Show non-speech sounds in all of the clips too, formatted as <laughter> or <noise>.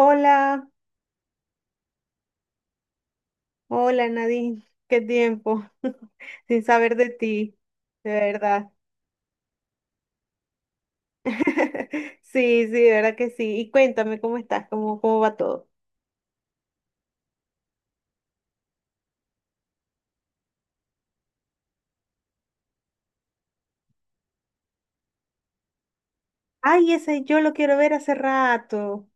Hola, hola Nadine, qué tiempo <laughs> sin saber de ti, de verdad. <laughs> Sí, sí, de verdad que sí. Y cuéntame cómo estás, cómo va todo. Ay, ese yo lo quiero ver hace rato,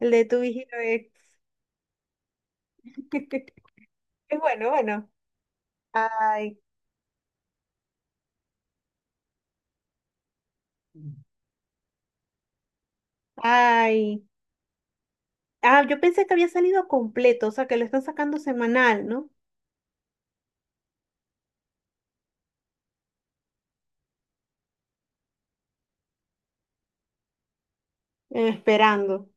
el de tu vigilo ex. <laughs> Es bueno, bueno. Ay, ay. Ah, yo pensé que había salido completo, o sea, que lo están sacando semanal, ¿no? Esperando.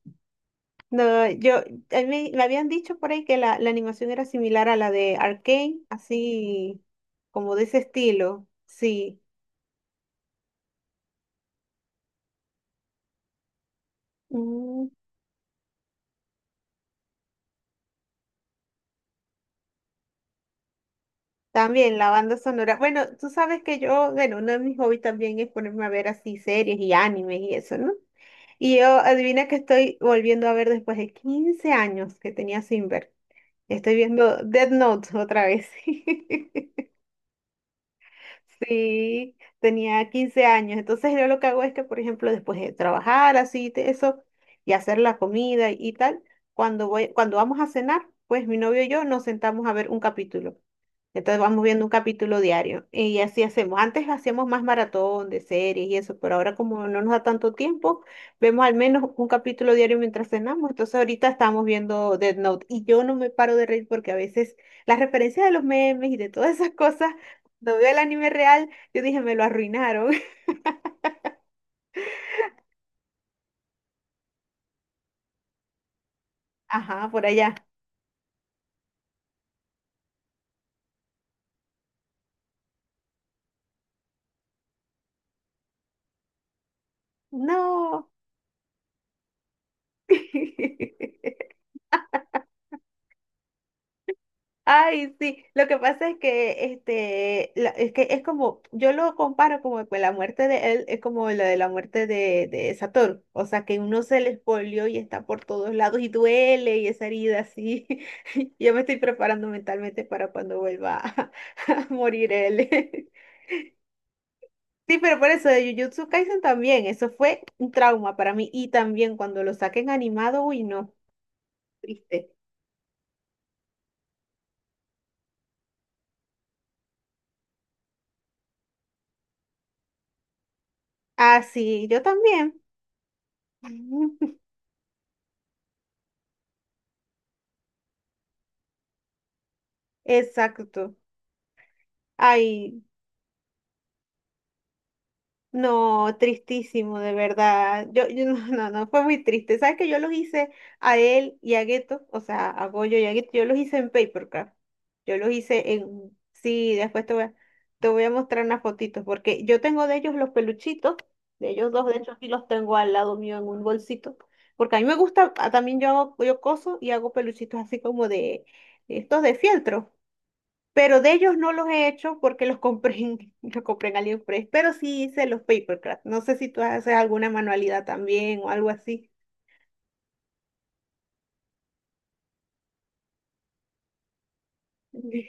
No, a mí me habían dicho por ahí que la animación era similar a la de Arcane, así como de ese estilo, sí. Mm, también la banda sonora. Bueno, tú sabes que bueno, uno de mis hobbies también es ponerme a ver así series y animes y eso, ¿no? Y yo, adivina que estoy volviendo a ver después de 15 años que tenía sin ver. Estoy viendo Death Note otra vez. <laughs> Sí, tenía 15 años. Entonces yo lo que hago es que, por ejemplo, después de trabajar así, eso, y hacer la comida y tal, cuando vamos a cenar, pues mi novio y yo nos sentamos a ver un capítulo. Entonces vamos viendo un capítulo diario y así hacemos. Antes hacíamos más maratón de series y eso, pero ahora como no nos da tanto tiempo, vemos al menos un capítulo diario mientras cenamos. Entonces ahorita estamos viendo Dead Note y yo no me paro de reír porque a veces las referencias de los memes y de todas esas cosas, cuando veo el anime real, yo dije, me lo arruinaron. <laughs> Ajá, por allá. No. <laughs> Ay, sí, lo que pasa es que este es que es como yo lo comparo como con la muerte de él, es como la de la muerte de Satoru, o sea, que uno se le espolió y está por todos lados y duele y esa herida así. <laughs> Yo me estoy preparando mentalmente para cuando vuelva a, <laughs> a morir él. <laughs> Sí, pero por eso de Jujutsu Kaisen también, eso fue un trauma para mí y también cuando lo saquen animado, uy, no, triste. Ah, sí, yo también. <laughs> Exacto. Ay, no, tristísimo, de verdad. Yo <laughs> no, no, no, fue muy triste. ¿Sabes que yo los hice a él y a Gueto? O sea, a Goyo y a Gueto, yo los hice en Papercraft. Yo los hice en. Sí, después te voy a mostrar unas fotitos, porque yo tengo de ellos los peluchitos, de ellos dos, de hecho, aquí los tengo al lado mío en un bolsito, porque a mí me gusta, también yo coso y hago peluchitos así como de estos de fieltro. Pero de ellos no los he hecho porque los <laughs> los compré en AliExpress, pero sí hice los papercraft. No sé si tú haces alguna manualidad también o algo así.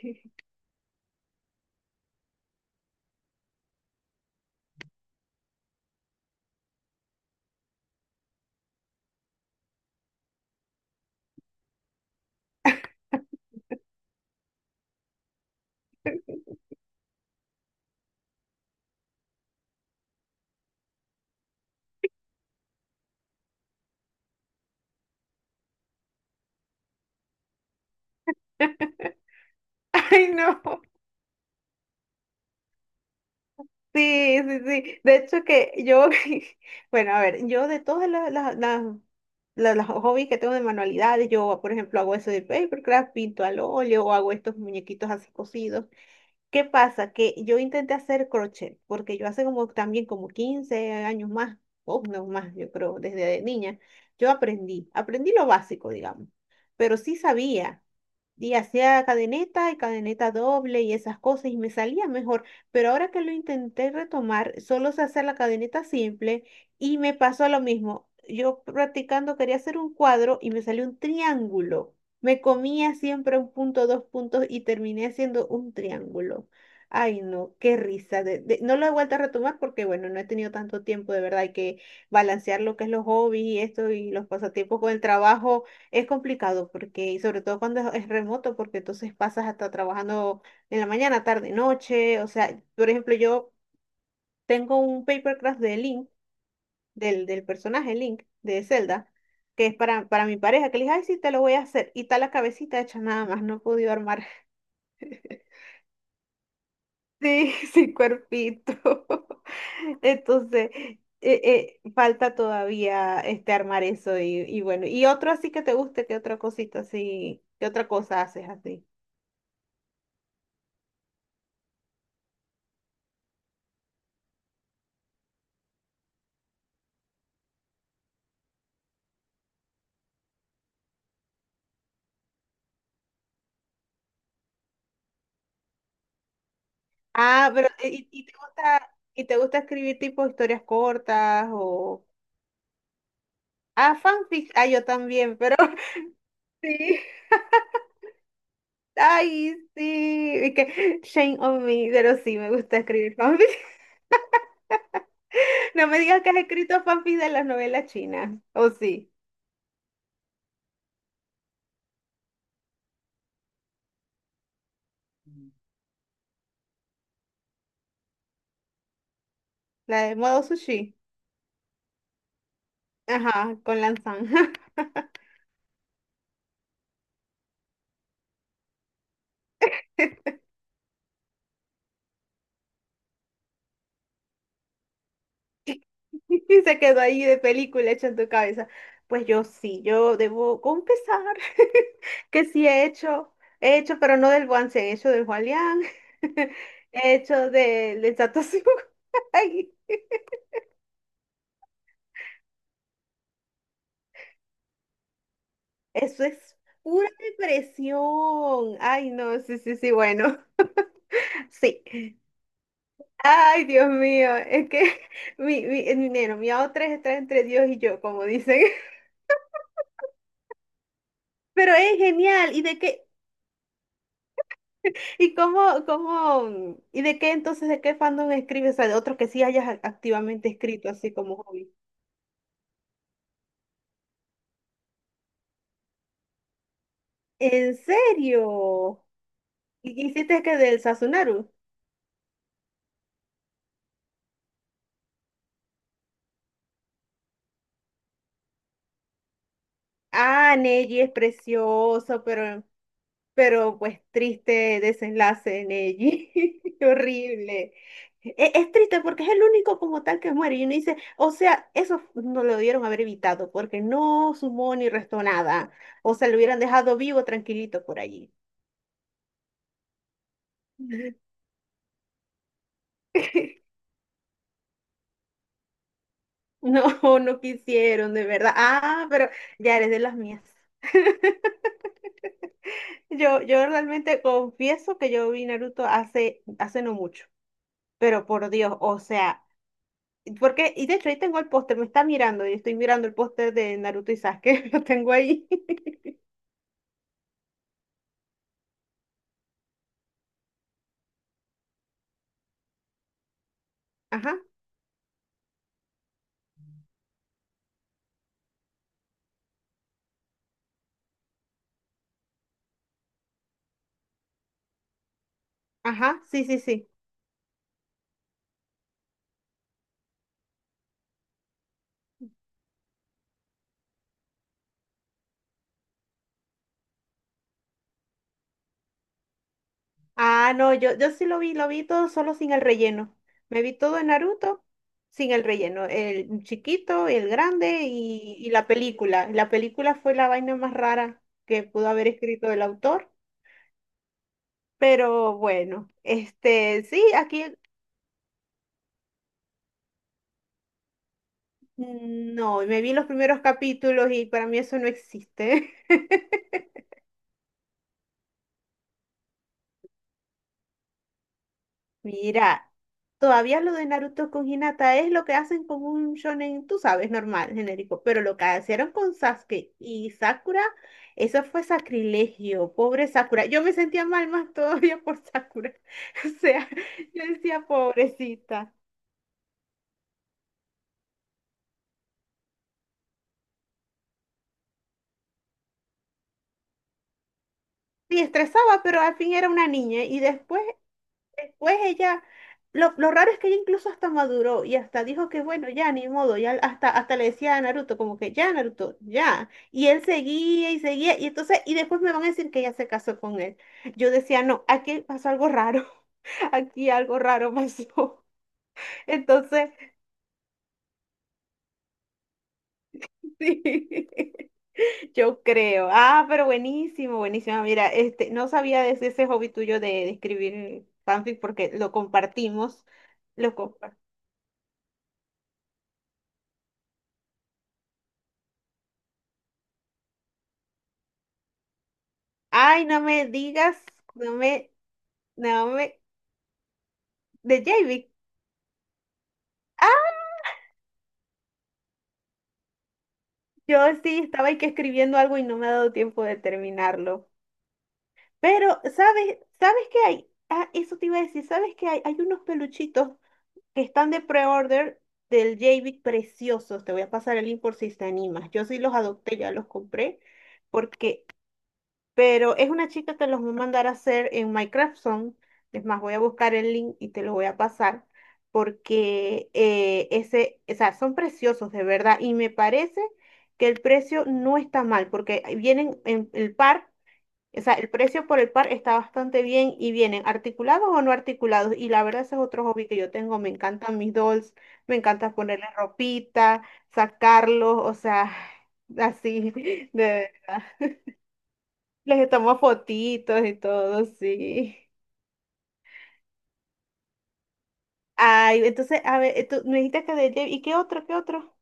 <laughs> Ay, no. Sí, sí, sí. De hecho que <laughs> bueno, a ver, yo de todas las hobbies que tengo de manualidades, yo, por ejemplo, hago eso de papercraft, pinto al óleo o hago estos muñequitos así cosidos. ¿Qué pasa? Que yo intenté hacer crochet, porque yo hace como también como 15 años más, o no más, yo creo, desde niña, yo aprendí lo básico, digamos, pero sí sabía, y hacía cadeneta y cadeneta doble y esas cosas y me salía mejor. Pero ahora que lo intenté retomar, solo sé hacer la cadeneta simple y me pasó lo mismo. Yo practicando quería hacer un cuadro y me salió un triángulo. Me comía siempre un punto, dos puntos y terminé haciendo un triángulo. Ay, no, qué risa. No lo he vuelto a retomar porque, bueno, no he tenido tanto tiempo, de verdad. Hay que balancear lo que es los hobbies y esto y los pasatiempos con el trabajo. Es complicado porque, y sobre todo cuando es remoto, porque entonces pasas hasta trabajando en la mañana, tarde, noche. O sea, por ejemplo, yo tengo un paper craft de Link, del personaje Link de Zelda, que es para mi pareja, que le dije, ay, sí, te lo voy a hacer. Y está la cabecita hecha nada más, no he podido armar. <laughs> Sí, sí, cuerpito. <laughs> Entonces, falta todavía este armar eso y bueno. Y otro así que te guste, ¿qué otra cosita así, qué otra cosa haces así? Ah, pero ¿y te gusta escribir tipo historias cortas o... Ah, fanfic. Ah, yo también, pero <laughs> sí. Ay, sí. Y que shame on me, pero sí, me gusta escribir fanfic. <laughs> No me digas que has escrito fanfic de las novelas chinas. O sí, la de modo sushi. Ajá, con Lanzan. <laughs> <laughs> Y se quedó ahí de película hecha en tu cabeza. Pues yo sí, yo debo confesar <laughs> que sí he hecho, pero no del Guansen, he hecho del Juan Liang, <laughs> he hecho del Satoshi. <laughs> Ay, eso es pura depresión. Ay, no, sí, sí, sí, bueno, <laughs> sí. Ay, Dios mío, es que <laughs> bueno, mi AO3 está entre Dios y yo, como dicen. <laughs> Pero es genial. ¿Y de qué? ¿Y de qué entonces, de qué fandom escribes? O sea, de otros que sí hayas activamente escrito así como hobby. ¿En serio? ¿Y hiciste que del Sasunaru? Ah, Neji es precioso, pero pues triste desenlace de Neji. <laughs> Horrible. Es, triste porque es el único como tal que muere. Y uno dice, o sea, eso no lo debieron haber evitado porque no sumó ni restó nada. O sea, lo hubieran dejado vivo tranquilito por allí. <laughs> <laughs> No, no quisieron, de verdad. Ah, pero ya eres de las mías. Yo realmente confieso que yo vi Naruto hace no mucho, pero por Dios, o sea, porque, y de hecho ahí tengo el póster, me está mirando y estoy mirando el póster de Naruto y Sasuke, <laughs> lo tengo ahí. <laughs> Ajá, ajá, sí, sí, sí. Ah, no, yo sí lo vi todo solo sin el relleno. Me vi todo en Naruto sin el relleno. El chiquito, el grande y la película. La película fue la vaina más rara que pudo haber escrito el autor. Pero bueno, este, sí, aquí no, me vi los primeros capítulos y para mí eso no existe. Mira, todavía lo de Naruto con Hinata es lo que hacen con un shonen, tú sabes, normal, genérico, pero lo que hicieron con Sasuke y Sakura, eso fue sacrilegio, pobre Sakura. Yo me sentía mal más <laughs> todavía por Sakura. <laughs> O sea, yo decía, pobrecita. Sí, estresaba, pero al fin era una niña y después. Después ella, lo raro es que ella incluso hasta maduró y hasta dijo que bueno, ya ni modo, ya hasta le decía a Naruto como que ya Naruto, ya. Y él seguía y seguía y entonces, y después me van a decir que ella se casó con él. Yo decía, no, aquí pasó algo raro, <laughs> aquí algo raro pasó. <laughs> Entonces, sí, <laughs> yo creo. Ah, pero buenísimo, buenísimo. Mira, este, no sabía de ese hobby tuyo de escribir fanfic porque lo compartimos. Lo compartimos. Ay, no me digas, no me, no me, de JB. Ah, yo sí estaba ahí que escribiendo algo y no me ha dado tiempo de terminarlo. Pero, ¿sabes qué hay? Ah, eso te iba a decir, ¿sabes qué hay? Hay unos peluchitos que están de pre-order del JB preciosos. Te voy a pasar el link por si te animas. Yo sí los adopté, ya los compré, porque Pero es una chica que los voy a mandar a hacer en Minecraft Zone. Es más, voy a buscar el link y te lo voy a pasar porque ese, o sea, son preciosos de verdad y me parece que el precio no está mal porque vienen en el par, o sea, el precio por el par está bastante bien y vienen articulados o no articulados y la verdad ese es otro hobby que yo tengo. Me encantan mis dolls, me encanta ponerle ropita, sacarlos, o sea, <laughs> así de verdad. Les tomo fotitos y todo, sí. Ay, entonces, a ver, tú me dijiste que de ¿y qué otro, qué otro?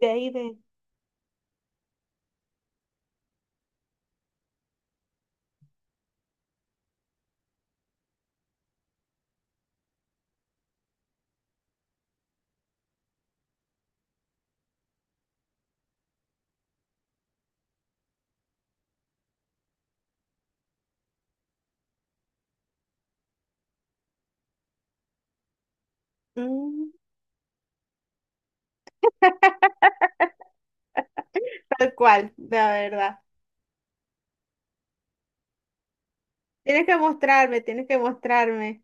De ahí de... Mm, tal cual, la verdad. Tienes que mostrarme, tienes que mostrarme.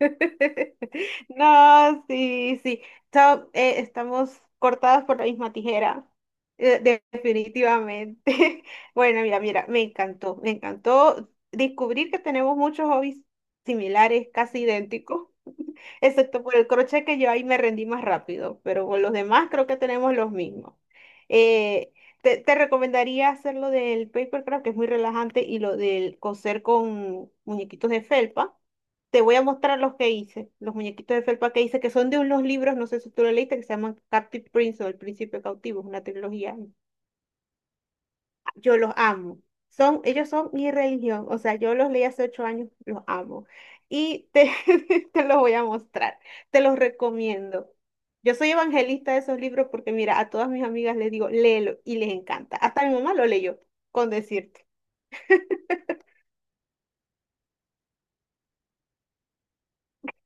<laughs> No, sí, sí. So, estamos cortadas por la misma tijera. Definitivamente. <laughs> Bueno, mira, mira, me encantó descubrir que tenemos muchos hobbies similares, casi idénticos. Excepto por el crochet que yo ahí me rendí más rápido, pero con los demás creo que tenemos los mismos. Eh, te recomendaría hacer lo del papercraft, que es muy relajante, y lo del coser con muñequitos de felpa. Te voy a mostrar los que hice, los muñequitos de felpa que hice, que son de unos libros, no sé si tú lo leíste, que se llaman Captive Prince o El Príncipe Cautivo, es una trilogía. Yo los amo. Son, ellos son mi religión. O sea, yo los leí hace 8 años, los amo. Y te, <laughs> te los voy a mostrar, te los recomiendo. Yo soy evangelista de esos libros porque, mira, a todas mis amigas les digo, léelo y les encanta. Hasta mi mamá lo leyó, con decirte.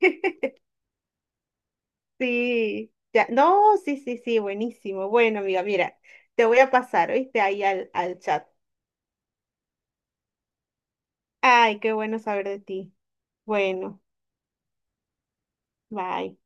<laughs> Sí, ya. No, sí, sí, sí, buenísimo. Bueno, amiga, mira, te voy a pasar, ¿oíste? Ahí al chat. Ay, qué bueno saber de ti. Bueno, bye.